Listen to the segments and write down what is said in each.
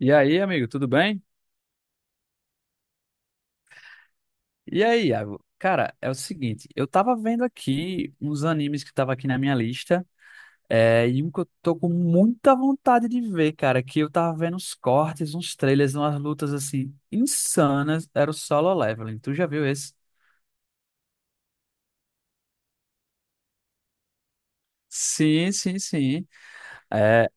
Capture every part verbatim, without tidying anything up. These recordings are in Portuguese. E aí, amigo, tudo bem? E aí, Iago? Cara, é o seguinte, eu tava vendo aqui uns animes que tava aqui na minha lista, é, e um que eu tô com muita vontade de ver, cara, que eu tava vendo uns cortes, uns trailers, umas lutas assim insanas, era o Solo Leveling. Tu já viu esse? Sim, sim, sim. É,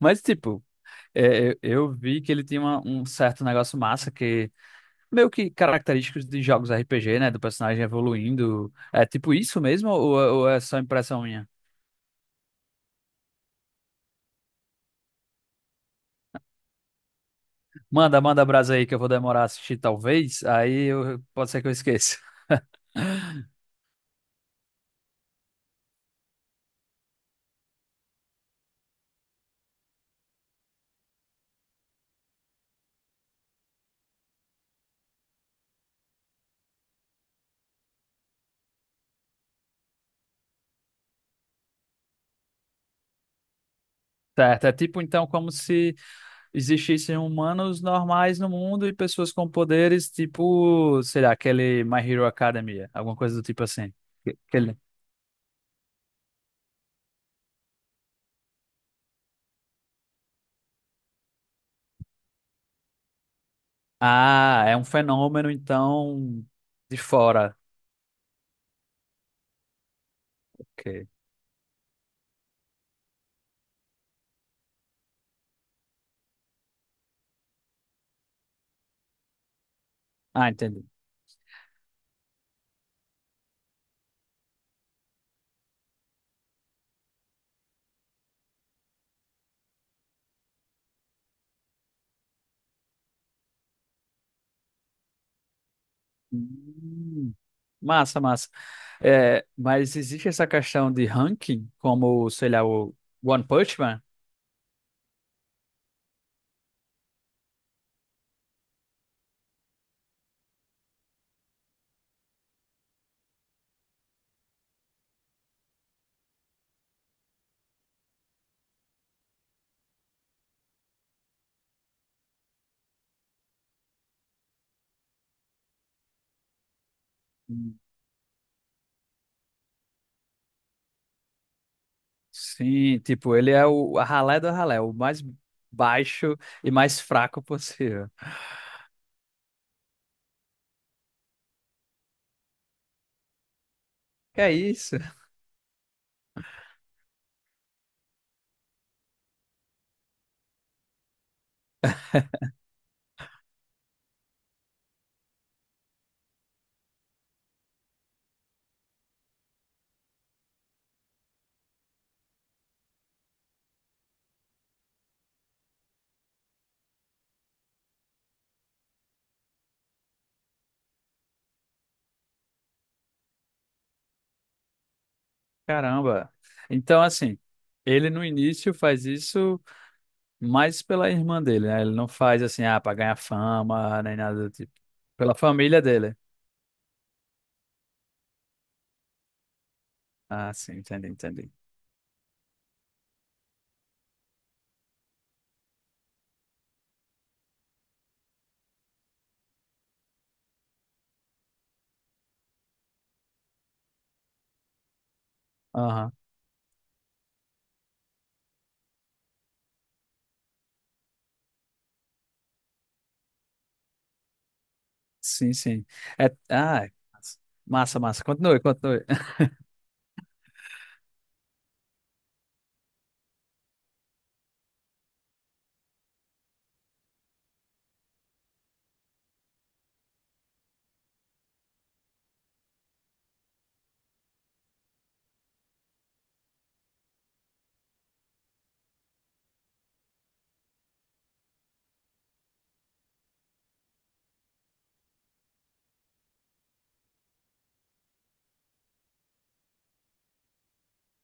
mas tipo, é, eu, eu vi que ele tinha uma- um certo negócio massa que meio que característicos de jogos R P G, né, do personagem evoluindo. É tipo isso mesmo ou ou é só impressão minha? Manda, manda brasa aí que eu vou demorar a assistir, talvez. Aí eu- pode ser que eu esqueça. Certo, é tipo então como se existissem humanos normais no mundo e pessoas com poderes, tipo, sei lá, aquele My Hero Academia, alguma coisa do tipo assim. Que- Aquele... Ah, é um fenômeno então de fora. Ok. Ah, entendi. Hum, massa, massa. É, mas existe essa questão de ranking, como, sei lá, o One Punch Man? Sim, tipo, ele é o a ralé do ralé, o mais baixo e mais fraco possível. Que é isso? Caramba. Então, assim, ele no início faz isso mais pela irmã dele, né? Ele não faz assim, ah, pra ganhar fama, nem nada do tipo. Pela família dele. Ah, sim, entendi, entendi. Aham. Sim, sim. É, ah, massa, massa. Continue, continue.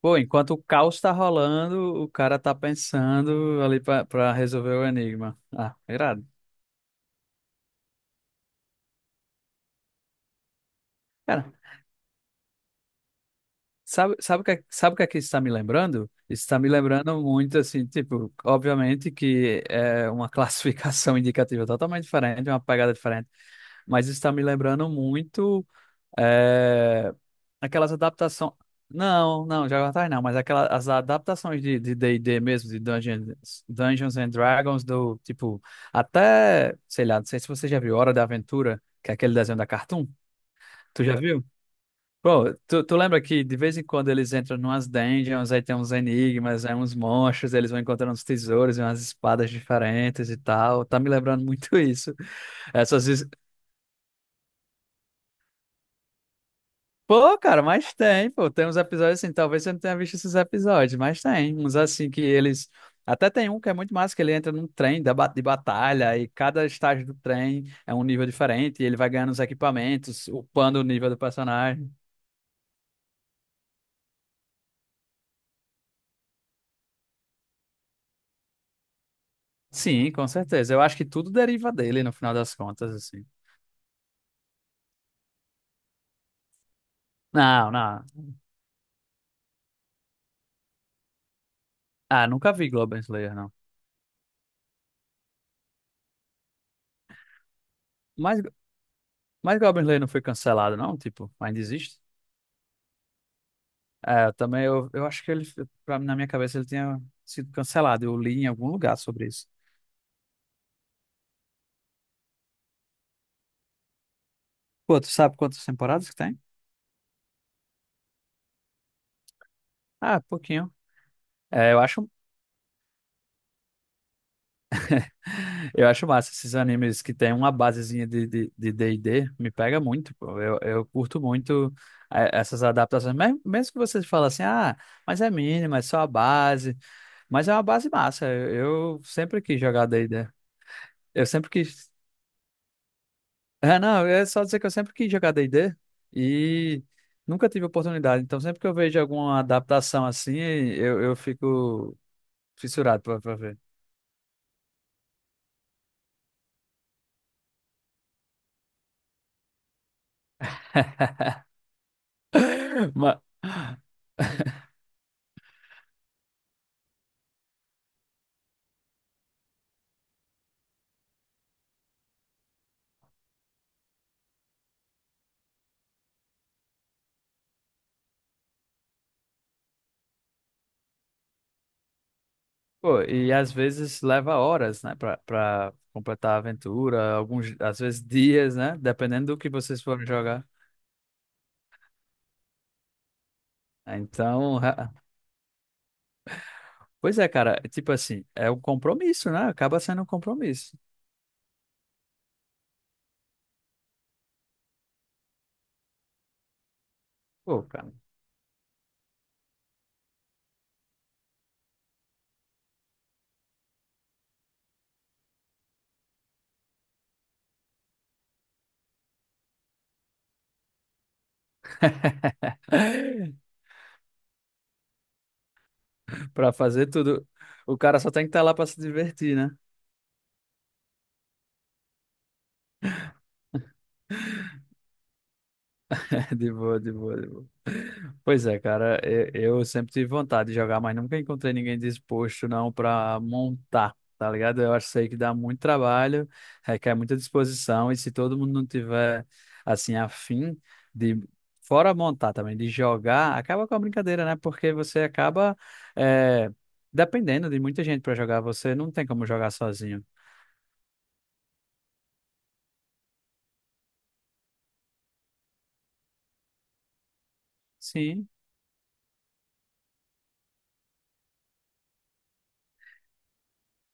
Pô, enquanto o caos tá rolando, o cara tá pensando ali pra, pra resolver o enigma. Ah, irado. Cara, sabe, sabe o que, é, sabe o que é que isso está me lembrando? Isso está me lembrando muito, assim, tipo, obviamente que é uma classificação indicativa totalmente diferente, uma pegada diferente, mas isso está me lembrando muito é, aquelas adaptações. Não, não, já atrás não, mas aquelas as adaptações de de D e D mesmo, de Dungeons, Dungeons and Dragons, do tipo, até, sei lá, não sei se você já viu Hora da Aventura, que é aquele desenho da Cartoon. Tu já viu? Pô, tu, tu lembra que de vez em quando eles entram numas dungeons, aí tem uns enigmas, aí uns monstros, eles vão encontrando uns tesouros e umas espadas diferentes e tal. Tá me lembrando muito isso. Essas... his- Pô, cara, mas tem, pô, tem uns episódios assim, talvez você não tenha visto esses episódios, mas tem uns assim que eles... Até tem um que é muito massa, que ele entra num trem da ba- de batalha e cada estágio do trem é um nível diferente e ele vai ganhando os equipamentos, upando o nível do personagem. Sim, com certeza. Eu acho que tudo deriva dele no final das contas, assim. Não, não. Ah, nunca vi Goblin Slayer, não. Mas, mas Goblin Slayer não foi cancelado, não? Tipo, ainda existe? É, eu também eu, eu acho que ele, pra, na minha cabeça, ele tinha sido cancelado. Eu li em algum lugar sobre isso. Pô, tu sabe quantas temporadas que tem? Ah, pouquinho. É, eu acho. Eu acho massa esses animes que tem uma basezinha de D e D, de, de D e D, me pega muito, pô. Eu, eu curto muito eh, essas adaptações. Mes- Mesmo que você fala assim, ah, mas é mínimo, é só a base. Mas é uma base massa. Eu, eu sempre quis jogar D e D. Eu sempre quis... É, não, é só dizer que eu sempre quis jogar D e D e D e nunca tive oportunidade. Então, sempre que eu vejo alguma adaptação assim, eu, eu fico fissurado pra, pra ver. Pô, e às vezes leva horas, né, pra, pra completar a aventura, alguns, às vezes dias, né, dependendo do que vocês forem jogar. Então, ra- pois é, cara, tipo assim, é um compromisso, né? Acaba sendo um compromisso. Pô, cara, pra fazer tudo, o cara só tem que estar lá pra se divertir, né? De boa, de boa. Pois é, cara, e- eu sempre tive vontade de jogar, mas nunca encontrei ninguém disposto não para montar, tá ligado? Eu acho isso aí que dá muito trabalho, requer muita disposição, e se todo mundo não tiver, assim, afim de, fora montar também, de jogar, acaba com a brincadeira, né? Porque você acaba, eh, dependendo de muita gente para jogar, você não tem como jogar sozinho. Sim.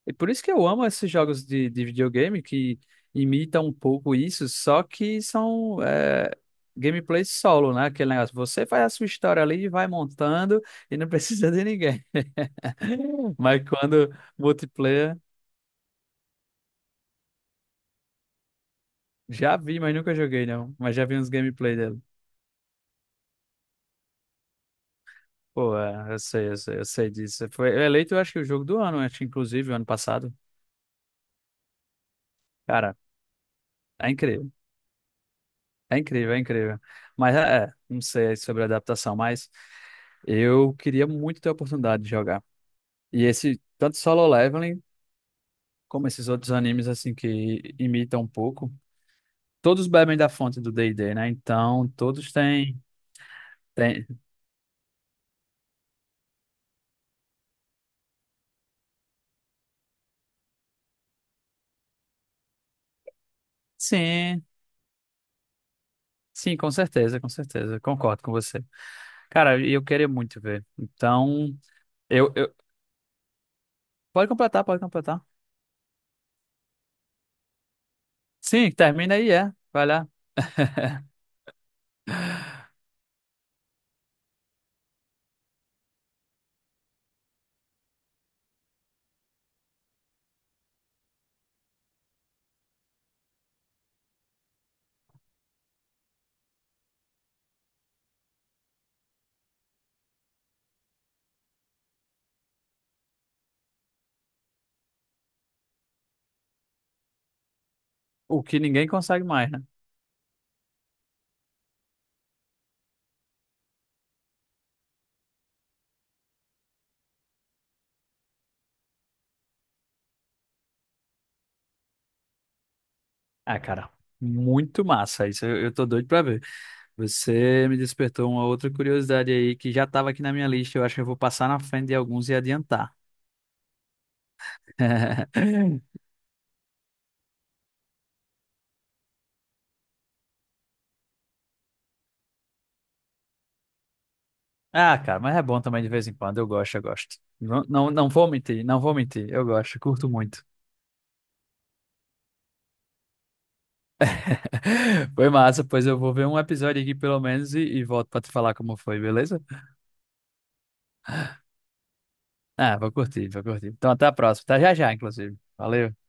E por isso que eu amo esses jogos de, de videogame que imitam um pouco isso, só que são é, gameplays solo, né? Aquele negócio, você faz a sua história ali e vai montando e não precisa de ninguém. Mas quando multiplayer, já vi, mas nunca joguei não. Mas já vi uns gameplay dele. Pô, é, eu sei, eu sei, eu sei disso. Foi eleito, eu acho que o jogo do ano, acho que inclusive o ano passado. Cara, é incrível, é incrível, é incrível. Mas é, é, não sei sobre a adaptação, mas. Eu queria muito ter a oportunidade de jogar. E esse, tanto Solo Leveling, como esses outros animes, assim, que imitam um pouco, todos bebem da fonte do D e D, né? Então, todos têm, têm... Sim, sim, com certeza, com certeza. Concordo com você. Cara, e eu queria muito ver. Então, eu, eu... Pode completar, pode completar. Sim, termina aí, é. Vai lá. O que ninguém consegue mais, né? Ah, cara, muito massa isso. Eu, eu tô doido pra ver. Você me despertou uma outra curiosidade aí que já estava aqui na minha lista. Eu acho que eu vou passar na frente de alguns e adiantar. Ah, cara, mas é bom também de vez em quando. Eu gosto, eu gosto. Não, não, não vou mentir, não vou mentir. Eu gosto, curto muito. Foi massa, pois eu vou ver um episódio aqui pelo menos e, e volto pra te falar como foi, beleza? Ah, vou curtir, vou curtir. Então até a próxima. Tá já já, inclusive. Valeu.